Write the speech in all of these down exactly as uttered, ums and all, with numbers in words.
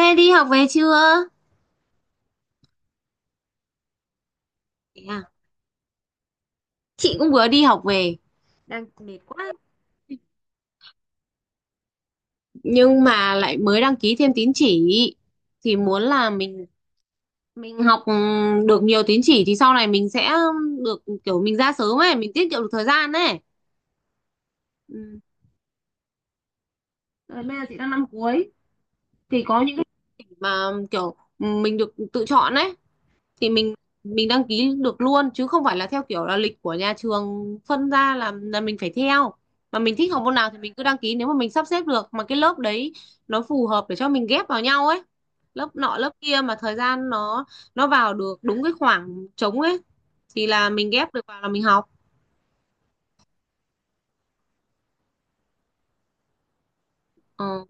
Ê đi học về chưa? Yeah. Chị cũng vừa đi học về, đang mệt quá, nhưng mà lại mới đăng ký thêm tín chỉ thì muốn là mình mình học ừ, được nhiều tín chỉ thì sau này mình sẽ được, kiểu mình ra sớm ấy, mình tiết kiệm được thời gian ấy. Ừ. Rồi, bây giờ chị đang năm cuối thì có những cái mà kiểu mình được tự chọn ấy, thì mình mình đăng ký được luôn chứ không phải là theo kiểu là lịch của nhà trường phân ra là là mình phải theo, mà mình thích học môn nào thì mình cứ đăng ký, nếu mà mình sắp xếp được mà cái lớp đấy nó phù hợp để cho mình ghép vào nhau ấy, lớp nọ lớp kia mà thời gian nó nó vào được đúng cái khoảng trống ấy thì là mình ghép được vào là mình học. Ờ.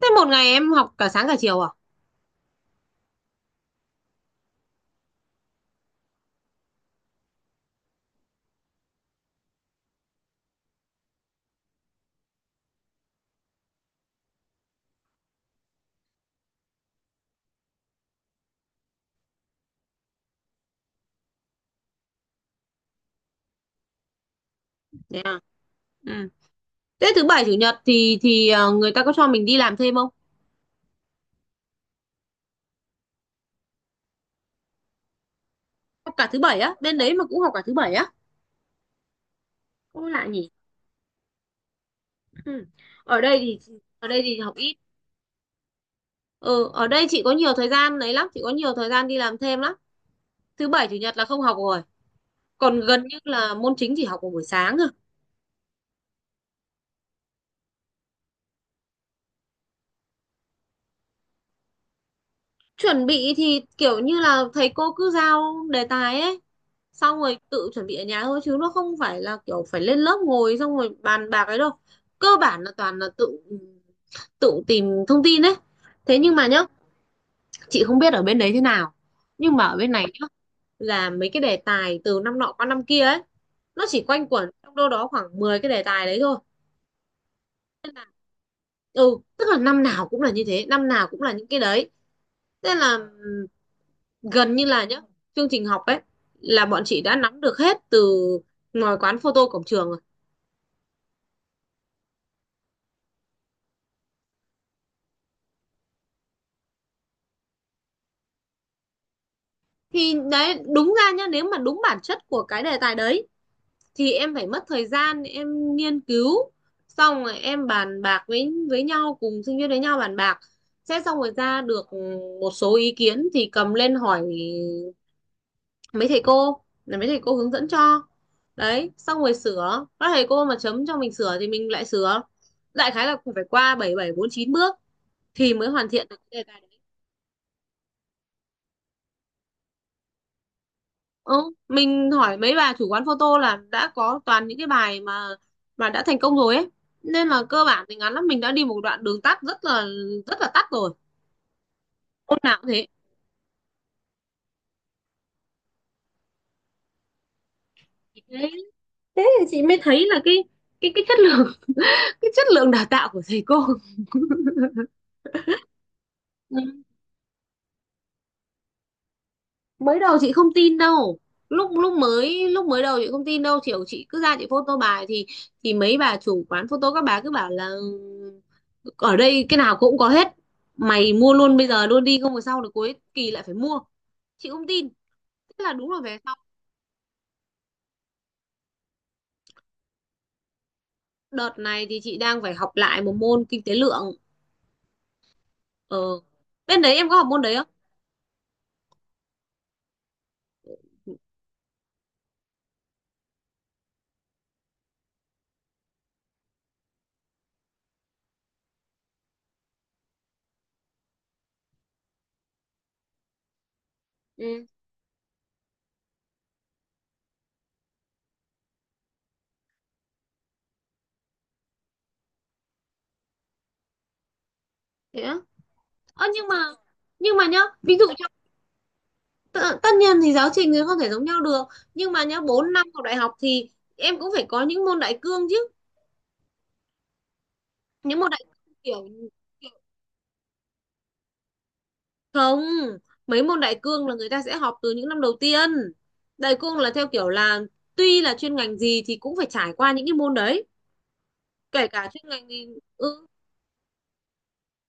Thế một ngày em học cả sáng cả chiều à? Thế à? Ừ. Thế thứ bảy chủ nhật thì thì ờ, người ta có cho mình đi làm thêm không? Học cả thứ bảy á? Bên đấy mà cũng học cả thứ bảy á? Cũng lạ nhỉ. Ừ. Ở đây thì ở đây thì học ít. Ừ, ở đây chị có nhiều thời gian đấy lắm, chị có nhiều thời gian đi làm thêm lắm. Thứ bảy chủ nhật là không học rồi. Còn gần như là môn chính chỉ học vào buổi sáng thôi. Chuẩn bị thì kiểu như là thầy cô cứ giao đề tài ấy. Xong rồi tự chuẩn bị ở nhà thôi chứ nó không phải là kiểu phải lên lớp ngồi xong rồi bàn bạc ấy đâu. Cơ bản là toàn là tự tự tìm thông tin đấy. Thế nhưng mà nhá, chị không biết ở bên đấy thế nào. Nhưng mà ở bên này nhá, là mấy cái đề tài từ năm nọ qua năm kia ấy, nó chỉ quanh quẩn trong đâu đó khoảng mười cái đề tài đấy thôi. Ừ, tức là năm nào cũng là như thế, năm nào cũng là những cái đấy, thế là ừm, gần như là nhá, chương trình học ấy là bọn chị đã nắm được hết từ ngoài quán photo cổng trường rồi. Thì đấy, đúng ra nhá, nếu mà đúng bản chất của cái đề tài đấy thì em phải mất thời gian em nghiên cứu, xong rồi em bàn bạc với với nhau, cùng sinh viên với nhau bàn bạc sẽ xong rồi ra được một số ý kiến thì cầm lên hỏi mấy thầy cô, là mấy thầy cô hướng dẫn cho. Đấy, xong rồi sửa, các thầy cô mà chấm cho mình sửa thì mình lại sửa. Đại khái là cũng phải qua bảy bảy bốn chín bước thì mới hoàn thiện được cái đề tài. Ừ, mình hỏi mấy bà chủ quán photo là đã có toàn những cái bài mà mà đã thành công rồi ấy, nên là cơ bản thì ngắn lắm, mình đã đi một đoạn đường tắt rất là rất là tắt rồi. Hôm nào cũng thế. thế Thế thì chị mới thấy là cái cái cái chất lượng cái chất lượng đào tạo của thầy cô. Mới đầu chị không tin đâu. Lúc lúc mới lúc mới đầu chị không tin đâu, kiểu chị cứ ra chị photo bài thì thì mấy bà chủ quán photo các bà cứ bảo là ở đây cái nào cũng có hết, mày mua luôn bây giờ luôn đi không phải sau được cuối kỳ lại phải mua. Chị không tin, thế là đúng là về sau. Đợt này thì chị đang phải học lại một môn kinh tế lượng. Ờ, bên đấy em có học môn đấy không? Ừ, thế á? Ơ nhưng mà, nhưng mà nhá, ví dụ cho. Tất, tất nhiên thì giáo trình thì không thể giống nhau được, nhưng mà nhá, bốn năm học đại học thì em cũng phải có những môn đại cương chứ. Những môn đại cương kiểu, kiểu. Không, mấy môn đại cương là người ta sẽ học từ những năm đầu tiên. Đại cương là theo kiểu là tuy là chuyên ngành gì thì cũng phải trải qua những cái môn đấy, kể cả chuyên ngành gì. Ừ.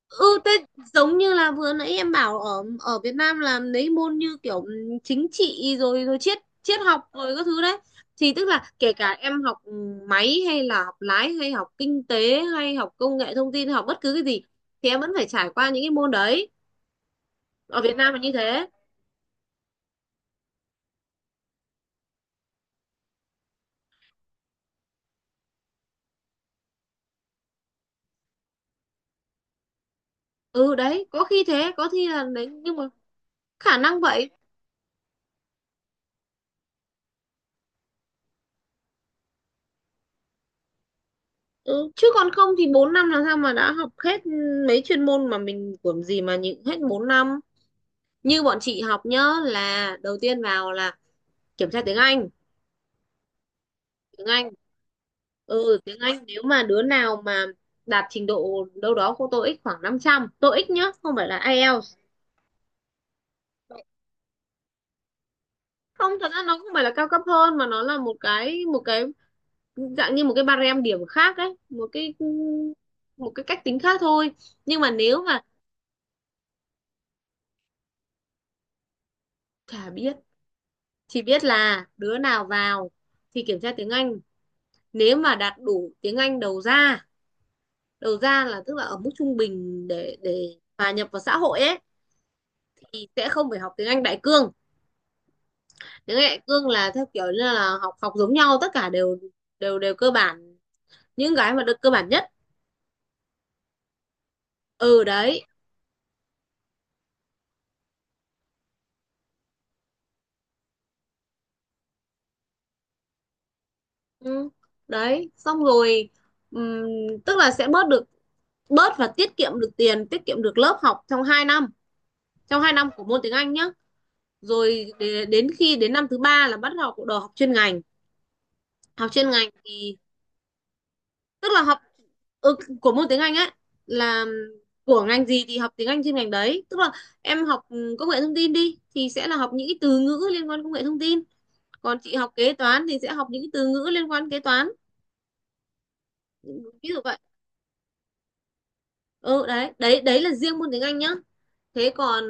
Ừ, thế giống như là vừa nãy em bảo ở ở Việt Nam làm mấy môn như kiểu chính trị rồi rồi triết triết học rồi các thứ đấy, thì tức là kể cả em học máy hay là học lái hay học kinh tế hay học công nghệ thông tin, học bất cứ cái gì thì em vẫn phải trải qua những cái môn đấy. Ở Việt Nam là như thế. Ừ đấy, có khi thế, có khi là đấy nhưng mà khả năng vậy. Ừ, chứ còn không thì bốn năm làm sao mà đã học hết mấy chuyên môn mà mình của gì mà nhịn hết bốn năm. Như bọn chị học nhớ là đầu tiên vào là kiểm tra tiếng Anh. Tiếng Anh. Ừ, tiếng Anh nếu mà đứa nào mà đạt trình độ đâu đó của tô ích khoảng năm trăm tô ích nhá, không phải là ai eo. Không, thật ra nó không phải là cao cấp hơn mà nó là một cái một cái dạng như một cái barem điểm khác ấy, một cái một cái cách tính khác thôi. Nhưng mà nếu mà, chả biết. Chỉ biết là đứa nào vào thì kiểm tra tiếng Anh, nếu mà đạt đủ tiếng Anh đầu ra, đầu ra là tức là ở mức trung bình để để hòa nhập vào xã hội ấy, thì sẽ không phải học tiếng Anh đại cương. Tiếng Anh đại cương là theo kiểu như là học học giống nhau, tất cả đều đều đều cơ bản, những cái mà được cơ bản nhất. Ừ đấy. Ừ, đấy xong rồi ừm, tức là sẽ bớt được, bớt và tiết kiệm được tiền, tiết kiệm được lớp học trong hai năm, trong hai năm của môn tiếng Anh nhá. Rồi để- đến khi đến năm thứ ba là bắt đầu bắt đầu học chuyên ngành. Học chuyên ngành thì tức là học ừ, của môn tiếng Anh ấy, là của ngành gì thì học tiếng Anh trên ngành đấy, tức là em học ừ, công nghệ thông tin đi thì sẽ là học những cái từ ngữ liên quan công nghệ thông tin, còn chị học kế toán thì sẽ học những cái từ ngữ liên quan kế toán. Ví dụ vậy. Ừ đấy, đấy đấy là riêng môn tiếng Anh nhá, thế còn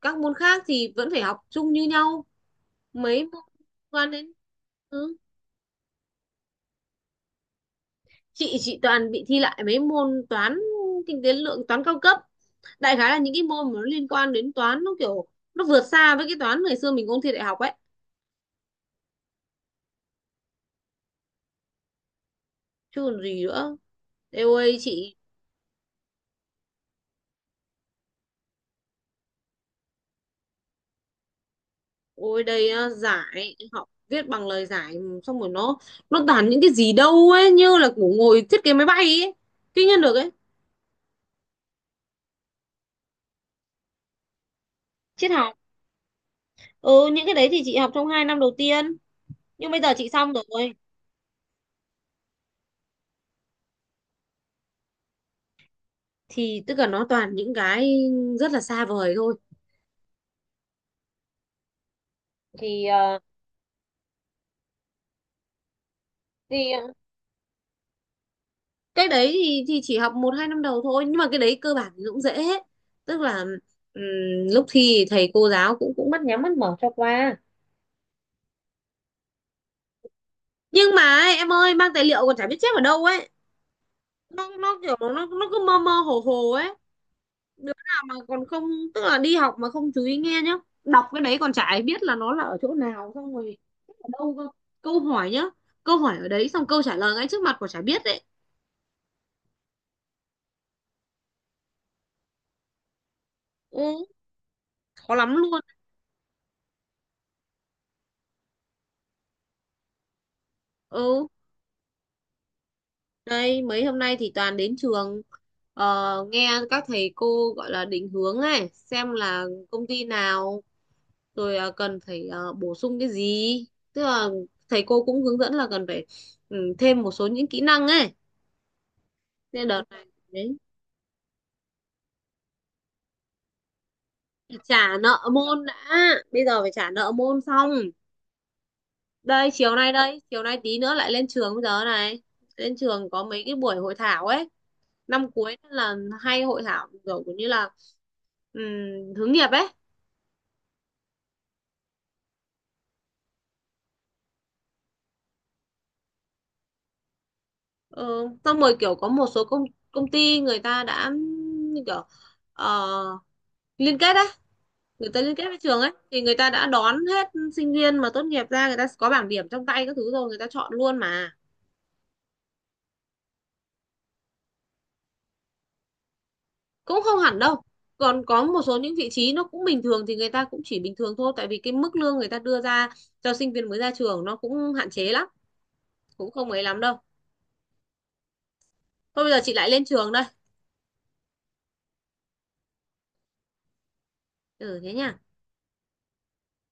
các môn khác thì vẫn phải học chung như nhau. Mấy môn liên quan đến, ừ. chị chị toàn bị thi lại mấy môn toán, kinh tế lượng, toán cao cấp. Đại khái là những cái môn mà nó liên quan đến toán, nó kiểu nó vượt xa với cái toán ngày xưa mình ôn thi đại học ấy. Chứ còn gì nữa. Eo ơi chị, ôi đây á, giải học viết bằng lời giải, xong rồi nó nó toàn những cái gì đâu ấy, như là của ngồi thiết kế máy bay ấy, kinh nhân được ấy. Triết học, ừ những cái đấy thì chị học trong hai năm đầu tiên, nhưng bây giờ chị xong rồi. Thì tức là nó toàn những cái rất là xa vời thôi. Thì ờ, thì cái đấy thì thì chỉ học một hai năm đầu thôi, nhưng mà cái đấy cơ bản thì cũng dễ hết. Tức là ừm, lúc thi thầy cô giáo cũng cũng mắt nhắm mắt mở cho qua. Nhưng mà ấy, em ơi, mang tài liệu còn chả biết chép ở đâu ấy. Nó nó kiểu nó nó cứ mơ mơ hồ hồ ấy. Đứa nào mà còn không, tức là đi học mà không chú ý nghe nhá, đọc cái đấy còn chả ai biết là nó là ở chỗ nào, xong rồi ở đâu cơ. Câu hỏi nhá, câu hỏi ở đấy xong câu trả lời ngay trước mặt còn chả biết đấy. Ừ, khó lắm luôn. Ừ. Đây, mấy hôm nay thì toàn đến trường, ờ, nghe các thầy cô gọi là định hướng này, xem là công ty nào rồi ờ, cần phải ờ, bổ sung cái gì. Tức là thầy cô cũng hướng dẫn là cần phải ừ, thêm một số những kỹ năng ấy. Nên đợt này đấy, trả nợ môn đã, bây giờ phải trả nợ môn xong. Đây chiều nay đây, chiều nay tí nữa lại lên trường bây giờ này. Lên trường có mấy cái buổi hội thảo ấy, năm cuối là hay hội thảo kiểu như là ừm, hướng nghiệp ấy. Ừ, xong rồi kiểu có một số công công ty người ta đã như kiểu ờ, liên kết đấy, người ta liên kết với trường ấy thì người ta đã đón hết sinh viên mà tốt nghiệp ra, người ta có bảng điểm trong tay các thứ rồi người ta chọn luôn mà. Cũng không hẳn đâu, còn có một số những vị trí nó cũng bình thường thì người ta cũng chỉ bình thường thôi, tại vì cái mức lương người ta đưa ra cho sinh viên mới ra trường nó cũng hạn chế lắm, cũng không ấy lắm đâu. Thôi bây giờ chị lại lên trường đây. Ừ thế nhá.